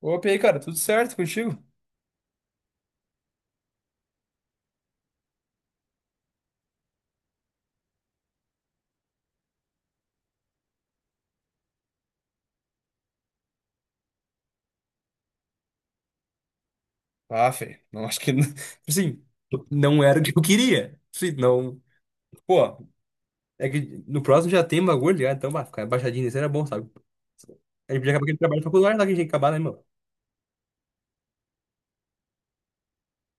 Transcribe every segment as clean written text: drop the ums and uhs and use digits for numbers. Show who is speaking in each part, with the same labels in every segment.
Speaker 1: Opa, e aí, cara, tudo certo contigo? Ah, Fê, não acho que. Sim, não era o que eu queria. Sim, não. Pô, é que no próximo já tem bagulho, ligado? Então, bah, ficar baixadinho nesse era bom, sabe? A gente já acaba aquele trabalho faculdade lá que a gente tem que acabar, né, mano?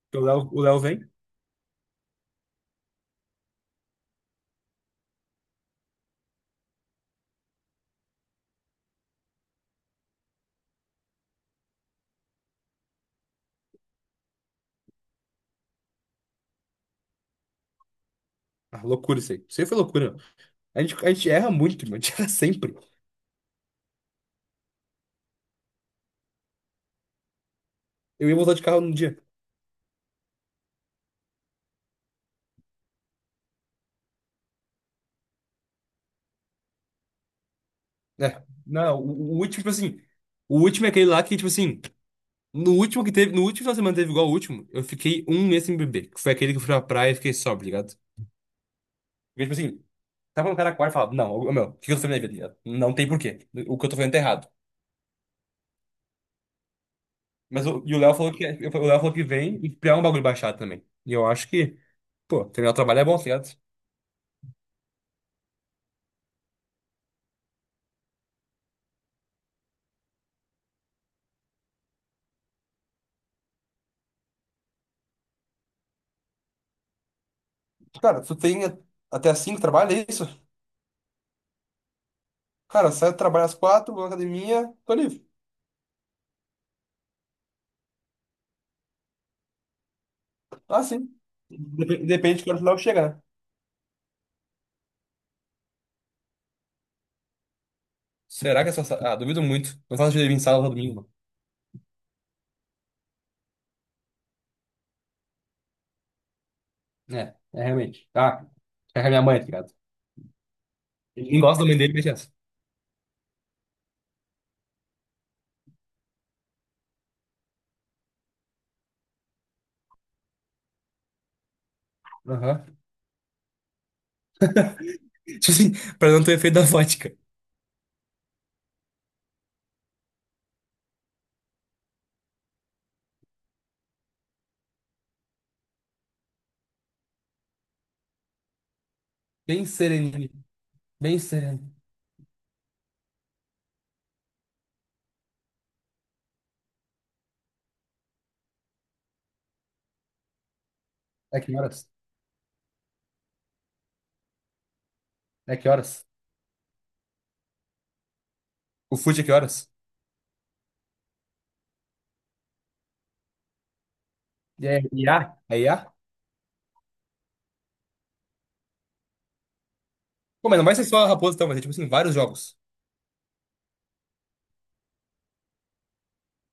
Speaker 1: Porque o Léo vem. Ah, loucura isso aí. Isso aí foi loucura, meu. A gente erra muito, mano. A gente erra sempre. Eu ia voltar de carro num dia. É. Não, o último, tipo assim. O último é aquele lá que, tipo assim. No último que teve. No último final de semana teve igual o último. Eu fiquei um mês sem beber. Que foi aquele que eu fui pra praia e fiquei sóbrio, ligado? Porque, tipo assim, tava no cara quarto e falava, não, ô, meu, o que eu tô fazendo na minha vida? Não tem porquê. O que eu tô fazendo tá errado. Mas o, e o Léo falou que o Léo falou que vem e criar um bagulho baixado também. E eu acho que, pô, terminar o trabalho é bom, tá ligado? Cara, tu tem até às 5 trabalho, é isso? Cara, sai do trabalho às quatro, vou na academia, tô livre. Ah, sim. Depende de quando o Léo chega, né? Será que é só. Ah, duvido muito. Não faço dia de vir sábado ou domingo, mano. É, é realmente. Ah, é a minha mãe, tá ligado? Ninguém gosta da mãe dele, mas é essa. Aham. Tipo assim, pra não ter efeito da vodka. Bem sereninho. Bem sereno. É que horas? É que horas? O fute é que horas? E é IA? É IA? Pô, mas não vai ser só a Raposa, então, vai ser tipo assim, vários jogos.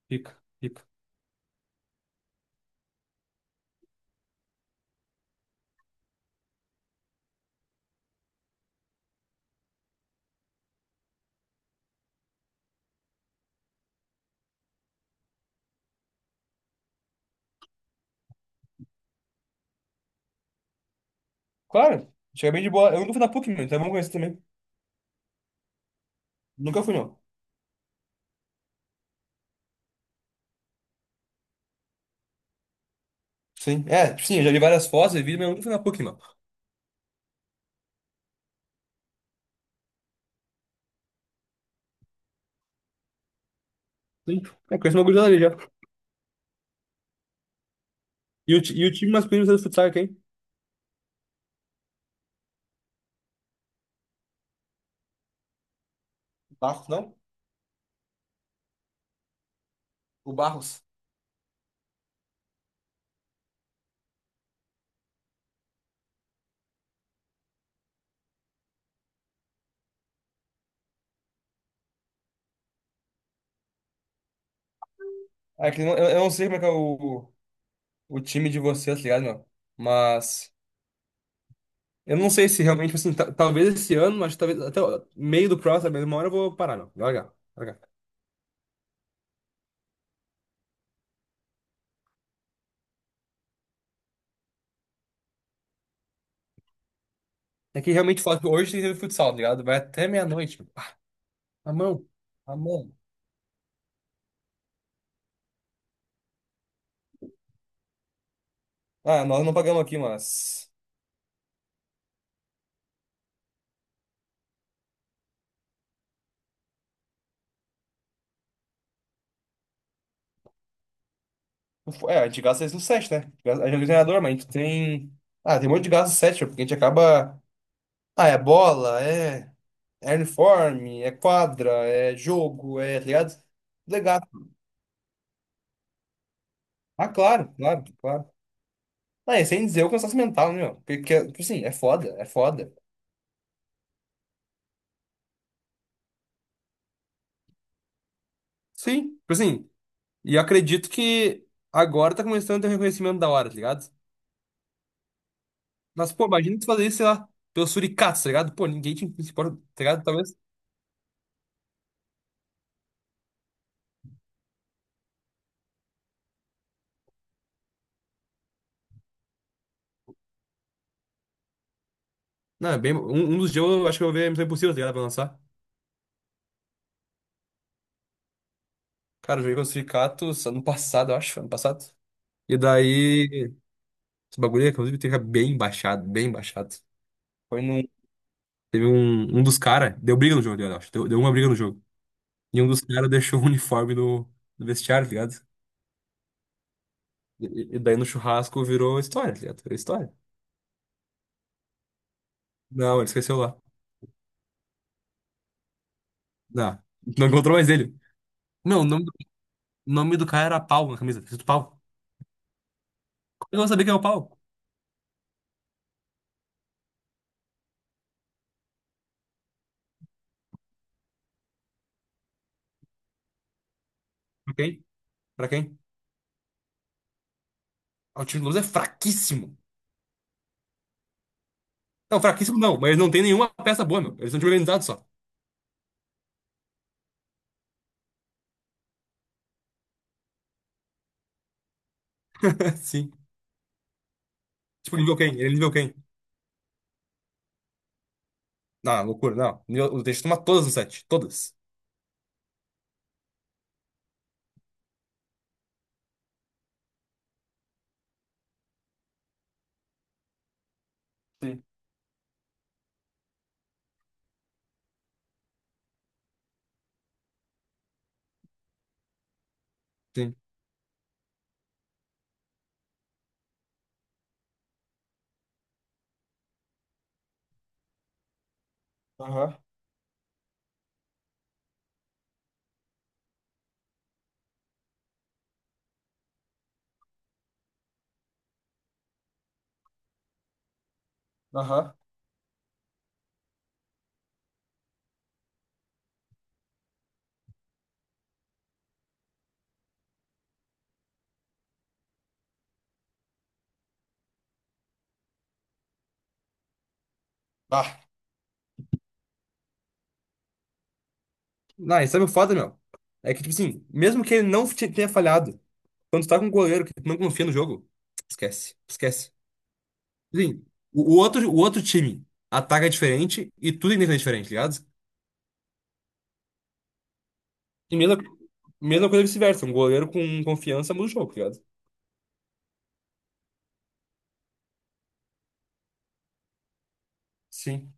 Speaker 1: Fica, fica. Claro, chega bem de boa. Eu nunca fui na PUC, meu, então é bom conhecer também. Nunca fui, não. Sim, é, tipo, sim, eu já vi várias fotos e vídeos, mas eu nunca fui na PUC, mano. Sim, é, conheço uma gurizada ali já. E o, e o time masculino do futsal é quem? Barros, não? O Barros. Ah, é que eu não sei como é que é o time de vocês, tá ligado, meu? Mas. Eu não sei se realmente, tipo assim, talvez esse ano, mas talvez até o meio do próximo, mas uma hora eu vou parar, não. Largar, largar. É que realmente fala que hoje tem futsal, tá ligado? Vai até meia-noite. Mano. Ah, a mão, a mão. Ah, nós não pagamos aqui, mas. É, a gente gasta isso no set, né? A gente é treinador, mas a gente tem. Ah, tem um monte de gasto no set, porque a gente acaba. Ah, é bola, é. É uniforme, é quadra, é jogo, é, tá ligado? Legal. Ah, claro, claro, claro. Ah, e sem dizer o cansaço mental, né, meu? Porque, tipo assim, é foda, é foda. Sim, tipo assim, e eu acredito que agora tá começando a ter um reconhecimento da hora, tá ligado? Mas, pô, imagina tu fazer isso, sei lá, pelos suricatos, tá ligado? Pô, ninguém te se importa, tá ligado? Talvez. Não, é bem, um dos dias eu acho que eu vou ver a Missão Impossível, tá ligado? Pra lançar. Cara, eu joguei com os suricatos ano passado, eu acho, ano passado. E daí, esse bagulho, inclusive, teve bem baixado, bem baixado. Foi num. Teve um, um dos caras, deu briga no jogo, tá ligado? Eu acho, deu, deu uma briga no jogo. E um dos caras deixou o uniforme no, no vestiário, tá ligado? E daí no churrasco virou história, tá ligado? Virou história. Não, ele esqueceu lá. Não, não encontrou mais ele. Meu, o nome do cara era Pau na camisa. Escrito Pau. Como eu vou saber quem é o Pau? Pra quem? Pra quem? Ah, o time do Luz é fraquíssimo. Não, fraquíssimo não, mas eles não tem nenhuma peça boa, meu. Eles são organizados só. Sim. Tipo, nível quem? Ele é nível quem? Não, loucura, não. Nível, o Teixeira toma todas no set. Todas. Sim. Sim. Aham, aham. Ah, não, e sabe o foda, meu? É que, tipo assim, mesmo que ele não tenha falhado, quando tu tá com um goleiro que tu não confia no jogo, esquece. Esquece. Sim. O outro time ataca diferente e tudo ainda é diferente, ligado? E mesma, mesma coisa vice-versa. Um goleiro com confiança muda o jogo, tá ligado? Sim,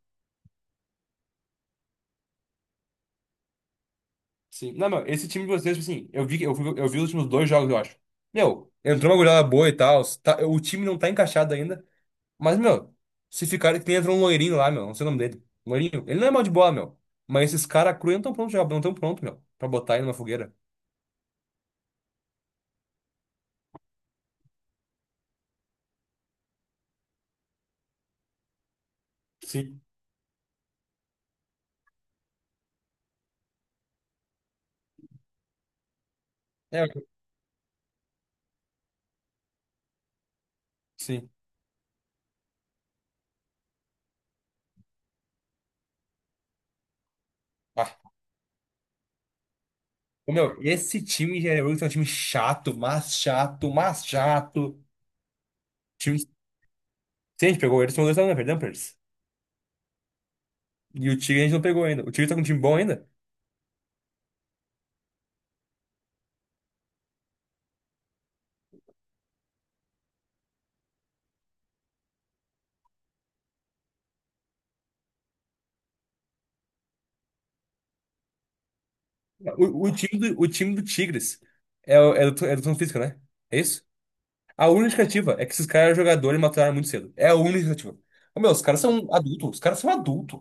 Speaker 1: sim. Não, meu, esse time de vocês, tipo assim, eu vi, eu, eu vi os últimos dois jogos, eu acho. Meu, entrou uma goleada boa e tal. O time não tá encaixado ainda. Mas, meu, se ficar que nem entrou um loirinho lá, meu, não sei o nome dele. Loirinho, ele não é mal de bola, meu. Mas esses caras cru não tão prontos já, não tão pronto, meu, pra botar ele numa fogueira. Sim. É, sim. Ah, ô, meu, esse time de Henry Ruggs é um time chato, mas chato, mas chato. Time... Se a gente pegou eles, são dois anos, perdão, Pers. E o Tigre a gente não pegou ainda. O Tigre tá com um time bom ainda? O time do Tigres é, é do educação física, né? É isso? A única justificativa é que esses caras eram jogadores e mataram muito cedo. É a única justificativa. Ô, meu, os caras são adultos, os caras são adultos.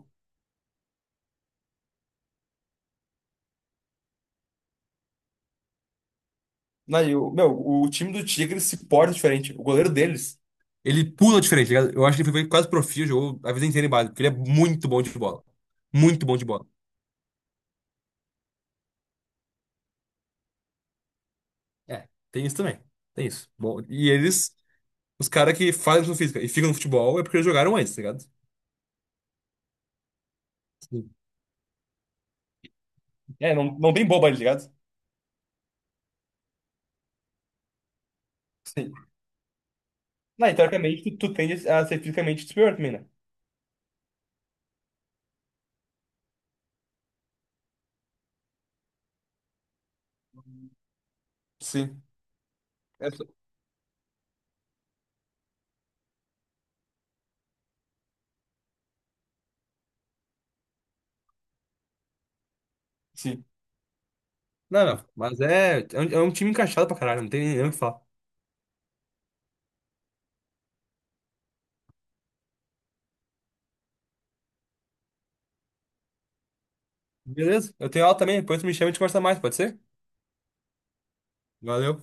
Speaker 1: Não, e o, meu, o time do Tigre se porta diferente. O goleiro deles. Ele pula diferente, tá ligado? Eu acho que ele foi quase profissional, jogou a vida inteira em base, porque ele é muito bom de bola. Muito bom de bola. É, tem isso também. Tem isso. Bom, e eles, os caras que fazem educação física e ficam no futebol é porque eles jogaram antes, tá ligado? Sim. É, não, não tem boba ali, ligado? Sim. Não, e teoricamente tu, tu tende a ser fisicamente superior também, né? Sim. É só- Sim. Não, não. Mas é, é um time encaixado pra caralho, não tem nem o que falar. Beleza? Eu tenho aula também, depois tu me chama e a gente conversa mais, pode ser? Valeu.